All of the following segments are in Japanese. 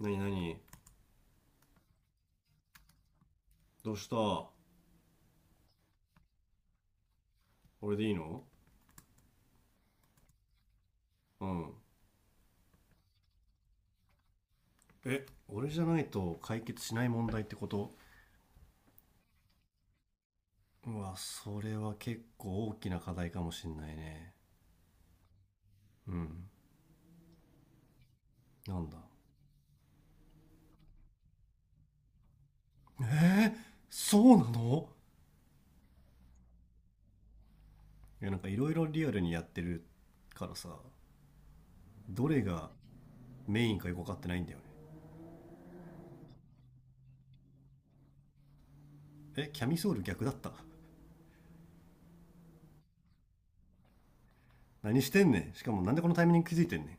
なになに。どうした。俺でいいの？うん。え、俺じゃないと解決しない問題ってこと？うわ、それは結構大きな課題かもしんないね。うん。なんだ。えー、そうなの？いや、なんかいろいろリアルにやってるからさ、どれがメインかよく分かってないんだよね。え、キャミソール逆だった？何してんねん。しかもなんでこのタイミング気づいてんね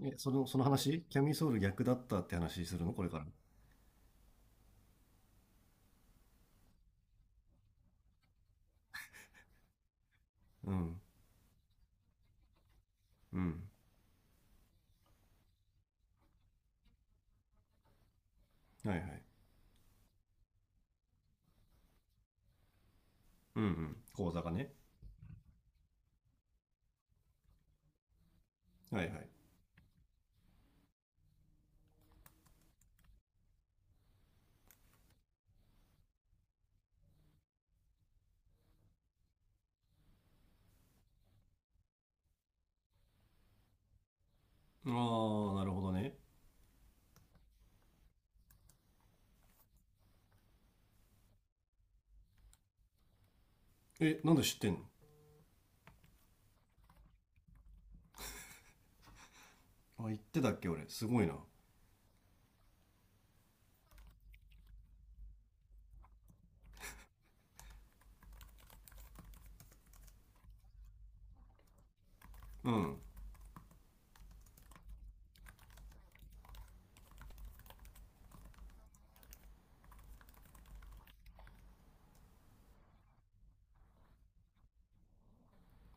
ん。え、その話キャミソール逆だったって話するのこれから？うん。うん。はいはい。うんうん。口座がね。はいはい。ああ、なるほどね。え、なんで知ってんの？あ、言ってたっけ俺。すごいな。うん。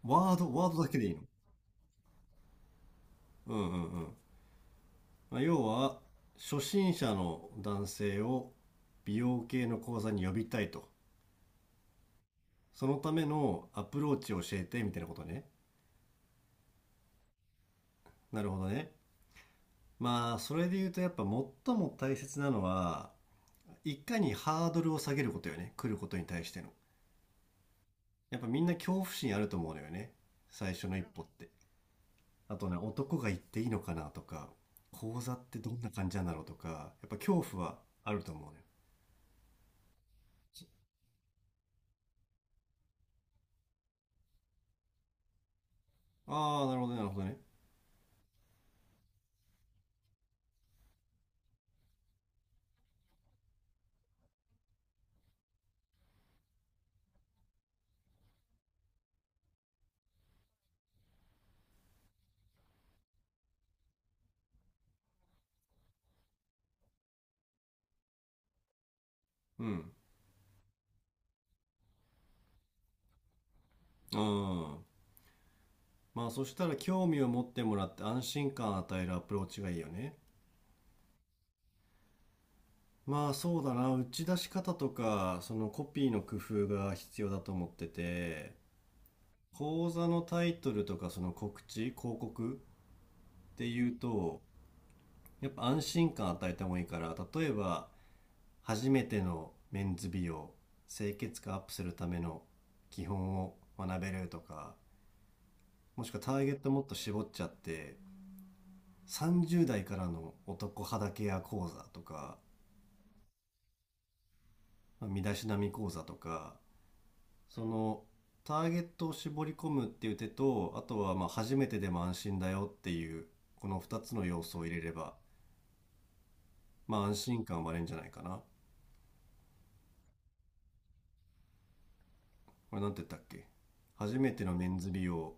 ワードだけでいいの？うんうんうん。まあ要は、初心者の男性を美容系の講座に呼びたいと。そのためのアプローチを教えてみたいなことね。なるほどね。まあ、それで言うとやっぱ最も大切なのは、いかにハードルを下げることよね。来ることに対しての。やっぱみんな恐怖心あると思うのよね。最初の一歩って。あとね、男が行っていいのかなとか、講座ってどんな感じなんだろうとか、やっぱ恐怖はあると思うね。ああ、なるほどね、なるほどね。うん。うん。まあそしたら興味を持ってもらって安心感を与えるアプローチがいいよね。まあそうだな、打ち出し方とか、そのコピーの工夫が必要だと思ってて、講座のタイトルとかその告知、広告っていうと、やっぱ安心感与えた方がいいから、例えば、初めてのメンズ美容、清潔感アップするための基本を学べるとか、もしくはターゲットもっと絞っちゃって、30代からの男肌ケア講座とか、身だしなみ講座とか、そのターゲットを絞り込むっていう手と、あとはまあ初めてでも安心だよっていう、この2つの要素を入れれば、まあ安心感は生まれるんじゃないかな。これなんて言ったっけ。初めてのメンズ美容、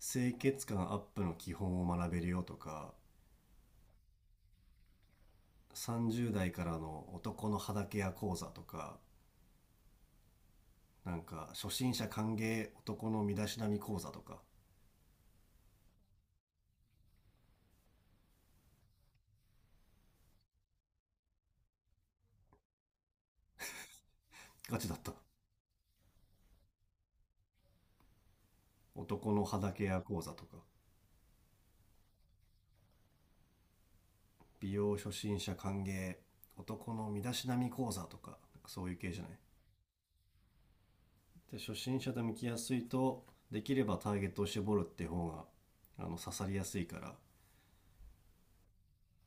清潔感アップの基本を学べるよとか、30代からの男の肌ケア講座とか、なんか初心者歓迎男の身だしなみ講座とか。ガチだった？男の肌ケア講座とか、美容初心者歓迎、男の身だしなみ講座とか、なんかそういう系じゃない？で初心者と向きやすいと。できればターゲットを絞るって方があの刺さりやすいから、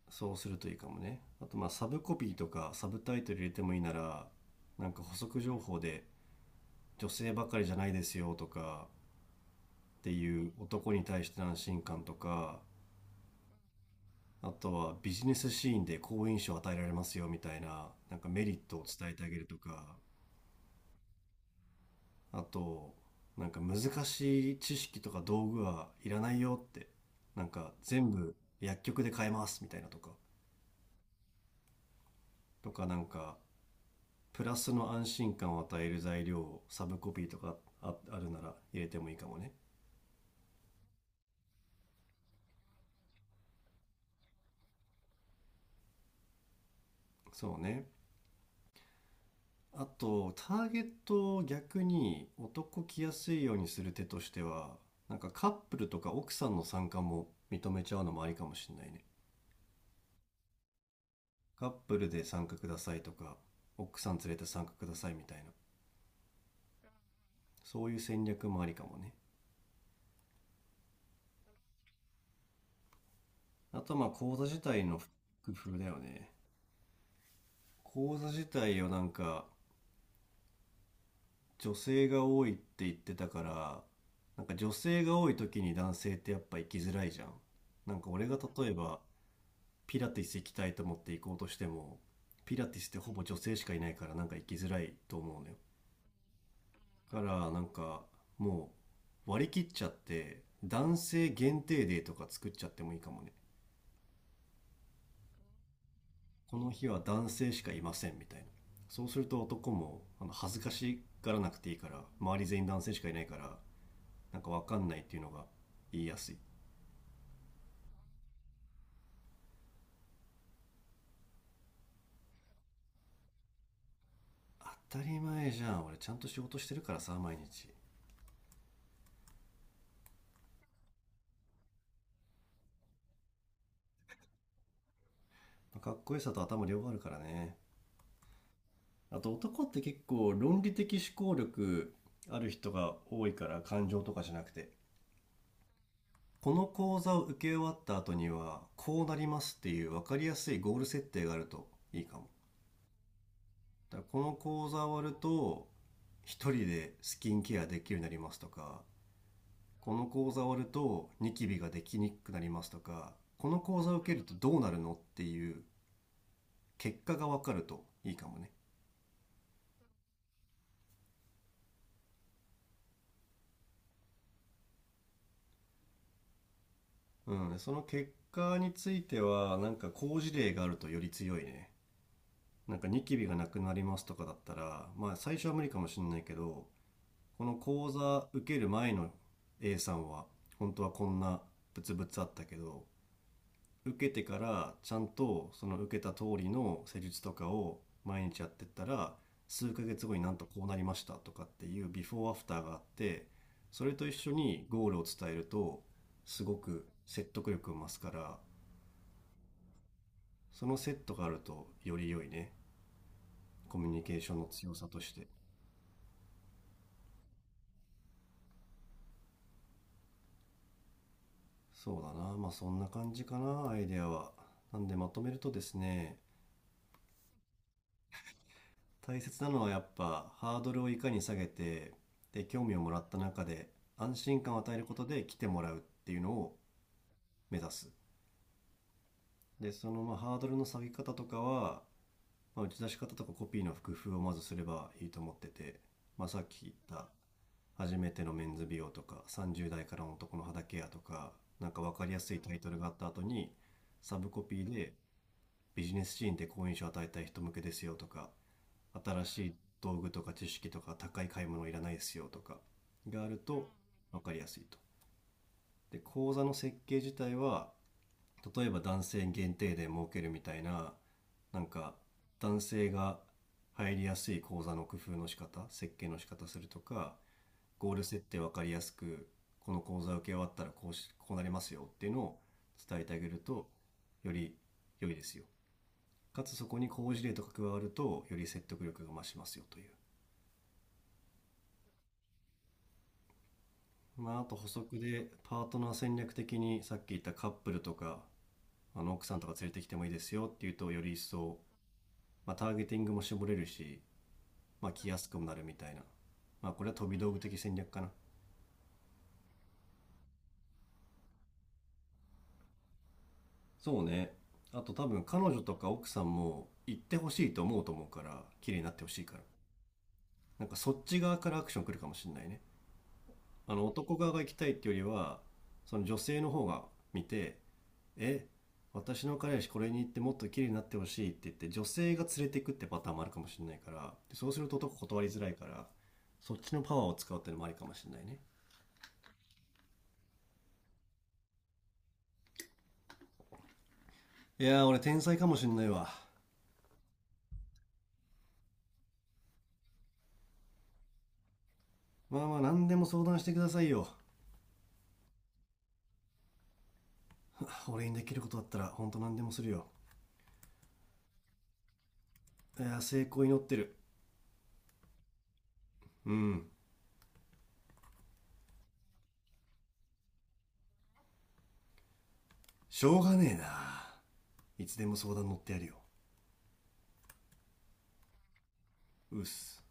そうするといいかもね。あとまあサブコピーとかサブタイトル入れてもいいなら、なんか補足情報で、女性ばかりじゃないですよとかっていう男に対しての安心感とか、あとはビジネスシーンで好印象を与えられますよみたいな、なんかメリットを伝えてあげるとか、あと、なんか難しい知識とか道具はいらないよって、なんか全部薬局で買えますみたいなとか、とかなんかプラスの安心感を与える材料をサブコピーとか、ああるなら入れてもいいかもね。そうね。あとターゲットを逆に男来やすいようにする手としては、なんかカップルとか奥さんの参加も認めちゃうのもありかもしれないね。カップルで参加くださいとか、奥さん連れて参加くださいみたいな、そういう戦略もありかもね。あとまあ講座自体の工夫だよね。講座自体をなんか、女性が多いって言ってたから、なんか女性が多い時に男性ってやっぱ行きづらいじゃん。なんか俺が例えばピラティス行きたいと思って行こうとしても、ピラティスってほぼ女性しかいないから、なんか行きづらいと思うのよ。だからなんかもう割り切っちゃって、男性限定デーとか作っちゃってもいいかもね。この日は男性しかいませんみたいな。そうすると男もあの恥ずかしがらなくていいから、周り全員男性しかいないから、なんかわかんないっていうのが言いやすい。当たり前じゃん、俺ちゃんと仕事してるからさ毎日。かっこよさと頭両方あるからね。あと男って結構論理的思考力ある人が多いから、感情とかじゃなくて、この講座を受け終わった後にはこうなりますっていう分かりやすいゴール設定があるといいかも。だからこの講座終わると一人でスキンケアできるようになりますとか、この講座終わるとニキビができにくくなりますとか、この講座を受けるとどうなるのっていう結果が分かるといいかもね。うん、その結果については、なんか好事例があるとより強いね。なんかニキビがなくなりますとかだったら、まあ最初は無理かもしれないけど、この講座受ける前の A さんは、本当はこんなブツブツあったけど、受けてからちゃんとその受けた通りの施術とかを毎日やってったら、数ヶ月後になんとこうなりましたとかっていうビフォーアフターがあって、それと一緒にゴールを伝えるとすごく説得力を増すから、そのセットがあるとより良いね、コミュニケーションの強さとして。そうだな、まあそんな感じかなアイデアは。なんでまとめるとですね、大切なのはやっぱハードルをいかに下げて、で興味をもらった中で安心感を与えることで来てもらうっていうのを目指す。でそのまあハードルの下げ方とかは、まあ、打ち出し方とかコピーの工夫をまずすればいいと思ってて、まあ、さっき言った初めてのメンズ美容とか30代からの男の肌ケアとか、なんか分かりやすいタイトルがあった後にサブコピーで、ビジネスシーンで好印象を与えたい人向けですよとか、新しい道具とか知識とか高い買い物いらないですよとかがあると分かりやすいと。で、講座の設計自体は、例えば男性限定で設けるみたいな、なんか男性が入りやすい講座の工夫の仕方、設計の仕方するとか、ゴール設定分かりやすく、この講座受け終わったらこうし、こうなりますよっていうのを伝えてあげると、より良いですよ。かつそこに好事例とか加わると、より説得力が増しますよという。まあ、あと補足でパートナー戦略的にさっき言ったカップルとか、あの奥さんとか連れてきてもいいですよっていうと、より一層、まあ、ターゲティングも絞れるし、まあ、来やすくもなるみたいな、まあ、これは飛び道具的戦略かな。そうね。あと多分彼女とか奥さんも行ってほしいと思うと思うから、綺麗になってほしいから、なんかそっち側からアクション来るかもしんないね。あの男側が行きたいっていうよりは、その女性の方が見て「え、私の彼氏これに行ってもっと綺麗になってほしい」って言って、女性が連れていくってパターンもあるかもしれないから、でそうすると男断りづらいから、そっちのパワーを使うってのもありかもしれないね。いやー俺天才かもしんないわ。まあまあ何でも相談してくださいよ。俺にできることだったらほんと何でもするよ。いやー成功祈ってる。うん。しょうがねえな、いつでも相談乗ってやるよ。うっす。